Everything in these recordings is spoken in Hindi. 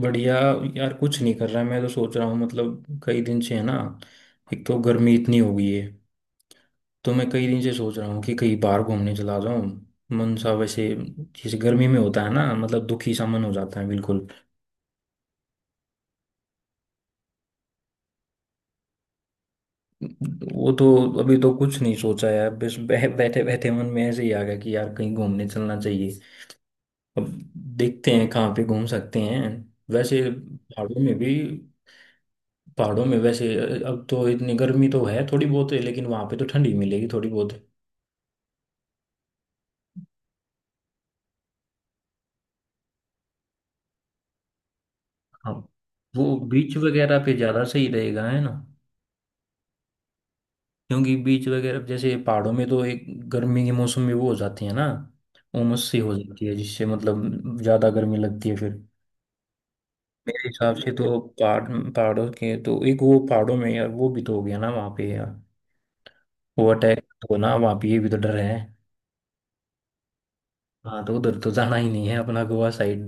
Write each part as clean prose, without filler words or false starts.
बढ़िया। यार कुछ नहीं कर रहा है। मैं तो सोच रहा हूँ मतलब कई दिन से है ना। एक तो गर्मी इतनी हो गई है। तो मैं कई दिन से सोच रहा हूँ कि कहीं बाहर घूमने चला जाऊँ। मन सा वैसे जैसे गर्मी में होता है ना, मतलब दुखी सा मन हो जाता है बिल्कुल। वो तो अभी तो कुछ नहीं सोचा है बस बैठे बैठे मन में ऐसे ही आ गया कि यार कहीं घूमने चलना चाहिए। अब देखते हैं कहाँ पे घूम सकते हैं। वैसे पहाड़ों में भी। पहाड़ों में वैसे अब तो इतनी गर्मी तो है थोड़ी बहुत है, लेकिन वहां पे तो ठंडी मिलेगी थोड़ी बहुत। हाँ, वो बीच वगैरह पे ज़्यादा सही रहेगा है ना। क्योंकि बीच वगैरह जैसे पहाड़ों में तो एक गर्मी के मौसम में वो हो जाती है ना, उमस सी हो जाती है जिससे मतलब ज़्यादा गर्मी लगती है फिर। मेरे हिसाब से तो पहाड़ों के तो एक वो, पहाड़ों में यार वो भी तो हो गया ना वहाँ पे यार, वो अटैक तो ना वहाँ पे, ये भी तो डर है। हाँ तो उधर तो जाना ही नहीं है अपना, गोवा साइड।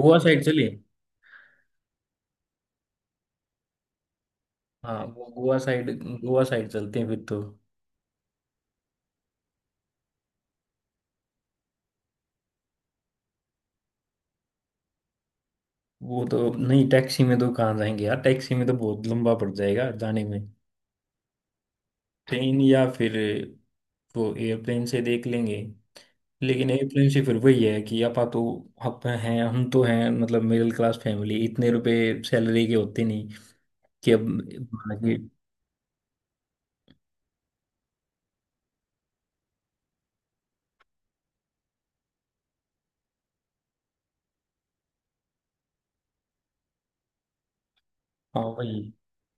गोवा साइड चलिए। हाँ वो गोवा साइड। गोवा साइड चलते हैं फिर तो। वो तो नहीं, टैक्सी में तो कहाँ जाएंगे यार, टैक्सी में तो बहुत लंबा पड़ जाएगा जाने में। ट्रेन या फिर वो एयरप्लेन से देख लेंगे। लेकिन एयरप्लेन से फिर वही है कि आपा तो आप हैं, हम तो हैं मतलब मिडिल क्लास फैमिली, इतने रुपए सैलरी के होते नहीं कि अब। माना कि। हाँ वही,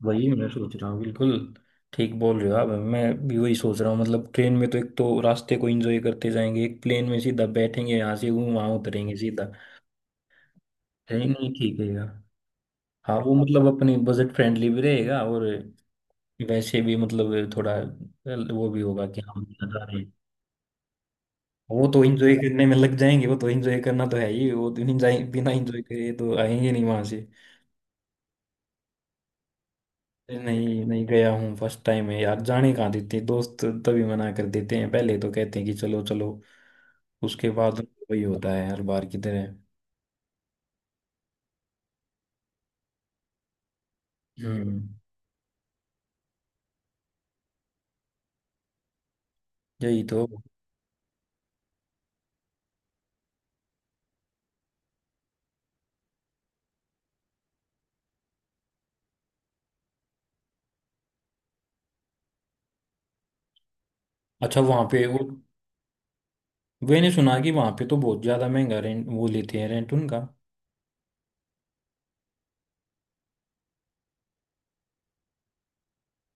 वही मैं सोच रहा हूँ बिल्कुल। ठीक बोल रहे हो आप। मैं भी वही सोच रहा हूँ, मतलब ट्रेन में तो एक तो रास्ते को एंजॉय करते जाएंगे, एक प्लेन में सीधा बैठेंगे यहाँ से, वो वहाँ उतरेंगे सीधा। ट्रेन ही ठीक है यार। हाँ वो मतलब अपनी बजट फ्रेंडली भी रहेगा, और वैसे भी मतलब थोड़ा वो भी होगा कि हम जा रहे हैं। वो तो एंजॉय करने में लग जाएंगे, वो तो एंजॉय करना तो है ही, वो तो बिना एंजॉय करे तो आएंगे नहीं वहां से। नहीं, नहीं गया हूँ, फर्स्ट टाइम है यार, जाने कहाँ देते हैं दोस्त, तभी मना कर देते हैं, पहले तो कहते हैं कि चलो चलो, उसके बाद तो वही होता है हर बार की तरह। हम्म। यही तो। अच्छा वहां पे वो, मैंने सुना कि वहां पे तो बहुत ज्यादा महंगा रेंट वो लेते हैं, रेंट उनका।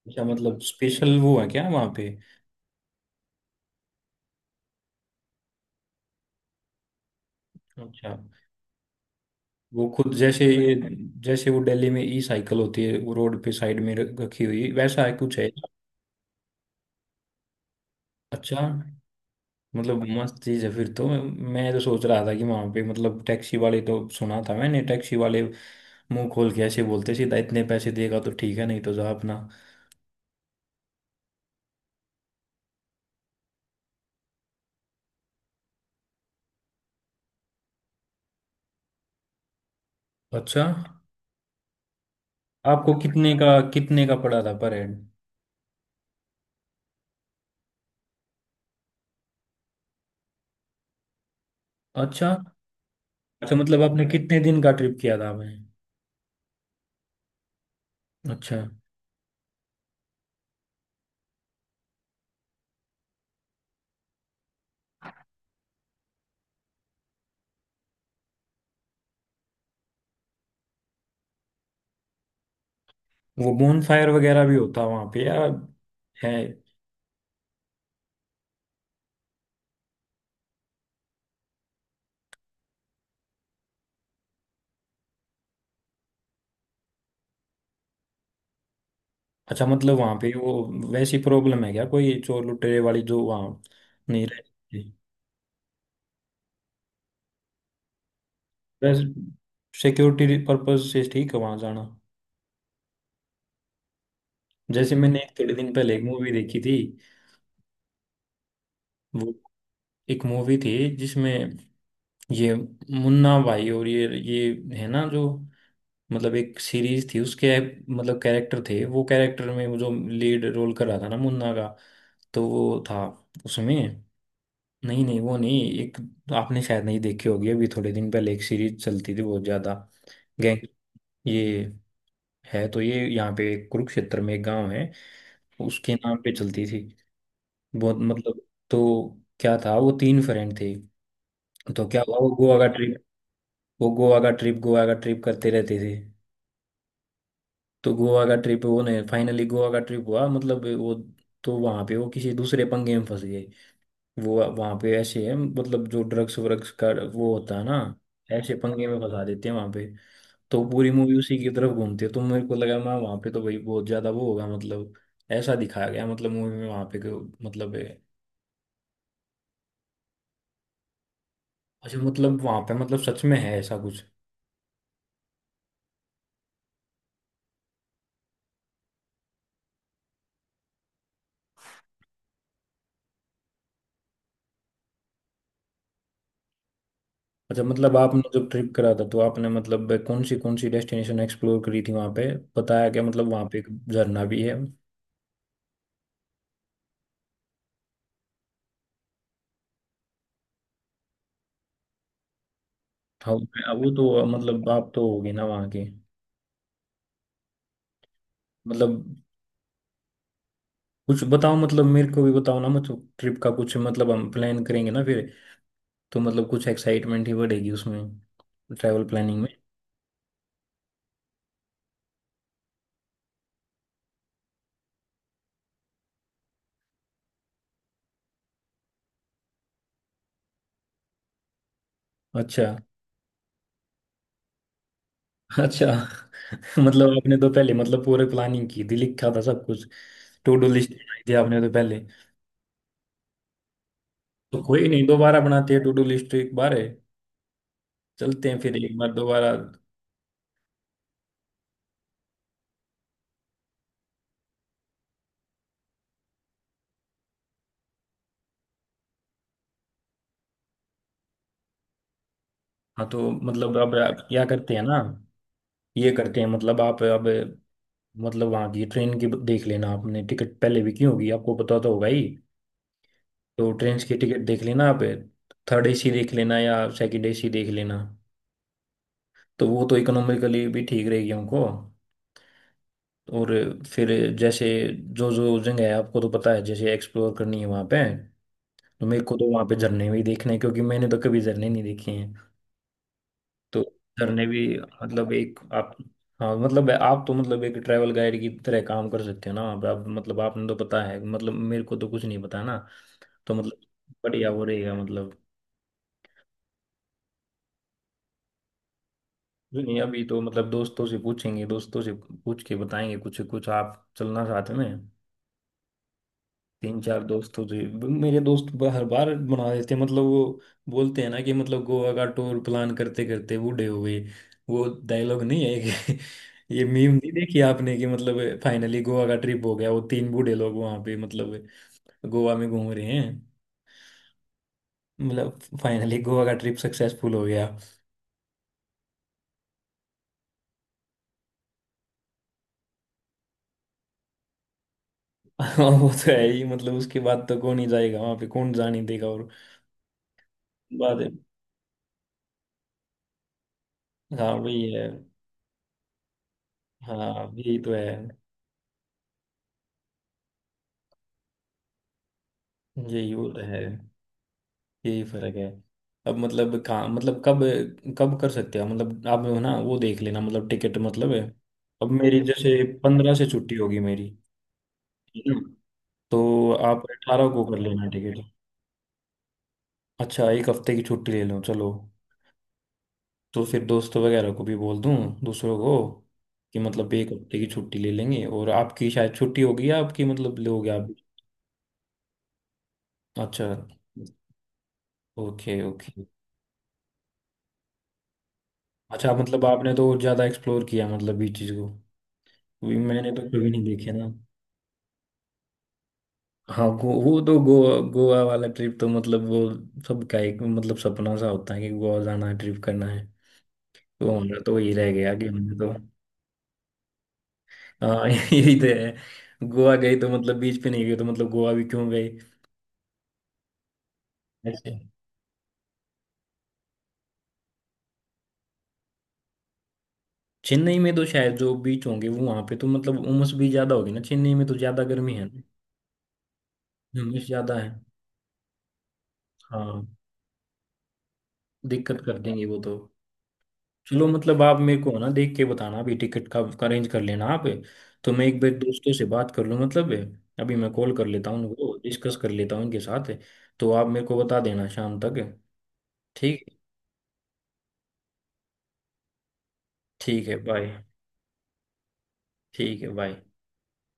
अच्छा, मतलब स्पेशल वो है क्या वहाँ पे। अच्छा वो खुद जैसे ये, जैसे वो दिल्ली में ई साइकिल होती है वो रोड पे साइड में रखी हुई, वैसा है कुछ है। अच्छा, मतलब मस्त चीज़ है फिर तो। मैं, मैं सोच रहा था कि वहाँ पे मतलब टैक्सी वाले तो, सुना था मैंने टैक्सी वाले मुंह खोल के ऐसे बोलते सीधा, इतने पैसे देगा तो ठीक है नहीं तो जा अपना। अच्छा, आपको कितने का पड़ा था पर हेड। अच्छा अच्छा, मतलब आपने कितने दिन का ट्रिप किया था आपने। अच्छा, वो बोन फायर वगैरह भी होता वहां पे या है। अच्छा मतलब वहां पे वो वैसी प्रॉब्लम है क्या, कोई चोर लुटेरे वाली जो वहां नहीं रहती। बस सिक्योरिटी पर्पज से ठीक है वहां जाना। जैसे मैंने एक थोड़े दिन पहले एक मूवी देखी थी। वो एक मूवी थी जिसमें ये मुन्ना भाई और ये है ना जो, मतलब एक सीरीज थी उसके मतलब कैरेक्टर थे, वो कैरेक्टर में वो जो लीड रोल कर रहा था ना मुन्ना का, तो वो था उसमें। नहीं नहीं वो नहीं, एक आपने शायद नहीं देखी होगी, अभी थोड़े दिन पहले एक सीरीज चलती थी बहुत ज्यादा। गैंग, ये है तो ये यहाँ पे कुरुक्षेत्र में एक गांव है, उसके नाम पे चलती थी, बहुत मतलब। तो क्या था, वो तीन फ्रेंड थे। तो क्या हुआ वो गोवा का ट्रिप, वो गोवा का ट्रिप करते रहते थे। तो गोवा का ट्रिप वो नहीं, फाइनली गोवा का ट्रिप हुआ मतलब वो, तो वहां पे वो किसी दूसरे पंगे में फंस गए। वो वहाँ पे ऐसे है मतलब जो ड्रग्स व्रग्स का वो होता है ना, ऐसे पंगे में फंसा देते हैं वहाँ पे। तो पूरी मूवी उसी की तरफ घूमती है, तो मेरे को लगा मैं वहाँ पे तो भाई बहुत ज्यादा वो होगा मतलब, ऐसा दिखाया गया मतलब मूवी में वहाँ पे मतलब है। अच्छा मतलब वहाँ पे मतलब सच में है ऐसा कुछ। अच्छा मतलब आपने जब ट्रिप करा था तो आपने मतलब कौन सी डेस्टिनेशन एक्सप्लोर करी थी वहाँ पे, बताया क्या, मतलब वहाँ पे एक झरना भी है। हाँ, वो तो मतलब आप तो होगी ना वहाँ के मतलब, कुछ बताओ मतलब मेरे को भी बताओ ना मतलब ट्रिप का कुछ, मतलब हम प्लान करेंगे ना फिर, तो मतलब कुछ एक्साइटमेंट ही बढ़ेगी उसमें, ट्रैवल प्लानिंग में। अच्छा अच्छा। मतलब आपने तो पहले मतलब पूरे प्लानिंग की थी, लिखा था सब कुछ, टू डू लिस्ट बनाई थी आपने तो पहले। तो कोई नहीं, दोबारा बनाते हैं टू डू लिस्ट एक बार, है चलते हैं फिर एक बार दोबारा। हाँ तो मतलब अब आप क्या करते हैं ना, ये करते हैं मतलब आप अब, मतलब वहाँ की ट्रेन की देख लेना, आपने टिकट पहले भी की होगी आपको पता तो होगा ही। तो ट्रेन की टिकट देख लेना आप, थर्ड एसी देख लेना या सेकंड एसी देख लेना। तो वो तो इकोनॉमिकली भी ठीक रहेगी हमको। और फिर जैसे जो जो जगह है आपको तो पता है जैसे एक्सप्लोर करनी है वहाँ पे, तो मेरे को तो वहाँ पे झरने भी देखने हैं क्योंकि मैंने तो कभी झरने नहीं देखे हैं। तो झरने भी, मतलब एक आप, हाँ मतलब आप तो मतलब एक ट्रैवल गाइड की तरह काम कर सकते हो ना, मतलब आपने तो पता है, मतलब मेरे को तो कुछ नहीं पता ना। तो मतलब बढ़िया वो रहेगा मतलब। नहीं अभी तो मतलब दोस्तों से पूछेंगे, दोस्तों से पूछ के बताएंगे कुछ कुछ, आप चलना साथ में। तीन चार दोस्तों से मेरे दोस्त हर बार बना देते हैं, मतलब वो बोलते हैं ना कि मतलब गोवा का टूर प्लान करते करते बूढ़े हो गए। वो डायलॉग नहीं है कि, ये मीम नहीं देखी आपने कि मतलब फाइनली गोवा का ट्रिप हो गया, वो तीन बूढ़े लोग वहां पे मतलब गोवा में घूम रहे हैं, मतलब फाइनली गोवा का ट्रिप सक्सेसफुल हो गया। वो तो है ही मतलब, उसके बाद तो कौन ही जाएगा वहां पे, कौन जाने देगा और बाद। हाँ वही है। हाँ यही तो है। यही वो तो है। यही फर्क है। अब मतलब कहाँ मतलब कब, कब कर सकते हैं मतलब आप ना वो देख लेना, मतलब टिकट मतलब है। अब मेरी जैसे 15 से छुट्टी होगी मेरी। ठीक है? तो आप 18 को कर लेना टिकट। अच्छा, एक हफ्ते की छुट्टी ले लो, चलो। तो फिर दोस्तों वगैरह को भी बोल दूं दूसरों को कि मतलब एक हफ्ते की छुट्टी ले लेंगे, और आपकी शायद छुट्टी होगी या आपकी मतलब, लोगे आप। अच्छा, ओके ओके। अच्छा मतलब आपने तो ज्यादा एक्सप्लोर किया मतलब ये चीज को, भी मैंने तो कभी नहीं देखे ना। हाँ वो तो गोवा, गोवा वाला ट्रिप तो मतलब वो सबका एक मतलब सपना सा होता है कि गोवा जाना है, ट्रिप करना है। तो हमारा तो वही रह गया कि हमने तो, हाँ। यही तो है, गोवा गए तो मतलब बीच पे नहीं गए तो मतलब गोवा भी क्यों गए। ऐसे चेन्नई में तो शायद जो बीच होंगे वो वहाँ पे तो मतलब उमस भी ज्यादा होगी ना, चेन्नई में तो ज्यादा गर्मी है ना, उमस ज्यादा है। हाँ दिक्कत कर देंगे वो तो। चलो मतलब आप मेरे को ना देख के बताना अभी टिकट का, अरेंज कर लेना आप। तो मैं एक बार दोस्तों से बात कर लूँ मतलब, अभी मैं कॉल कर लेता हूँ उनको, डिस्कस कर लेता हूँ उनके साथ। तो आप मेरे को बता देना शाम तक। ठीक। ठीक है, बाय। ठीक है, बाय।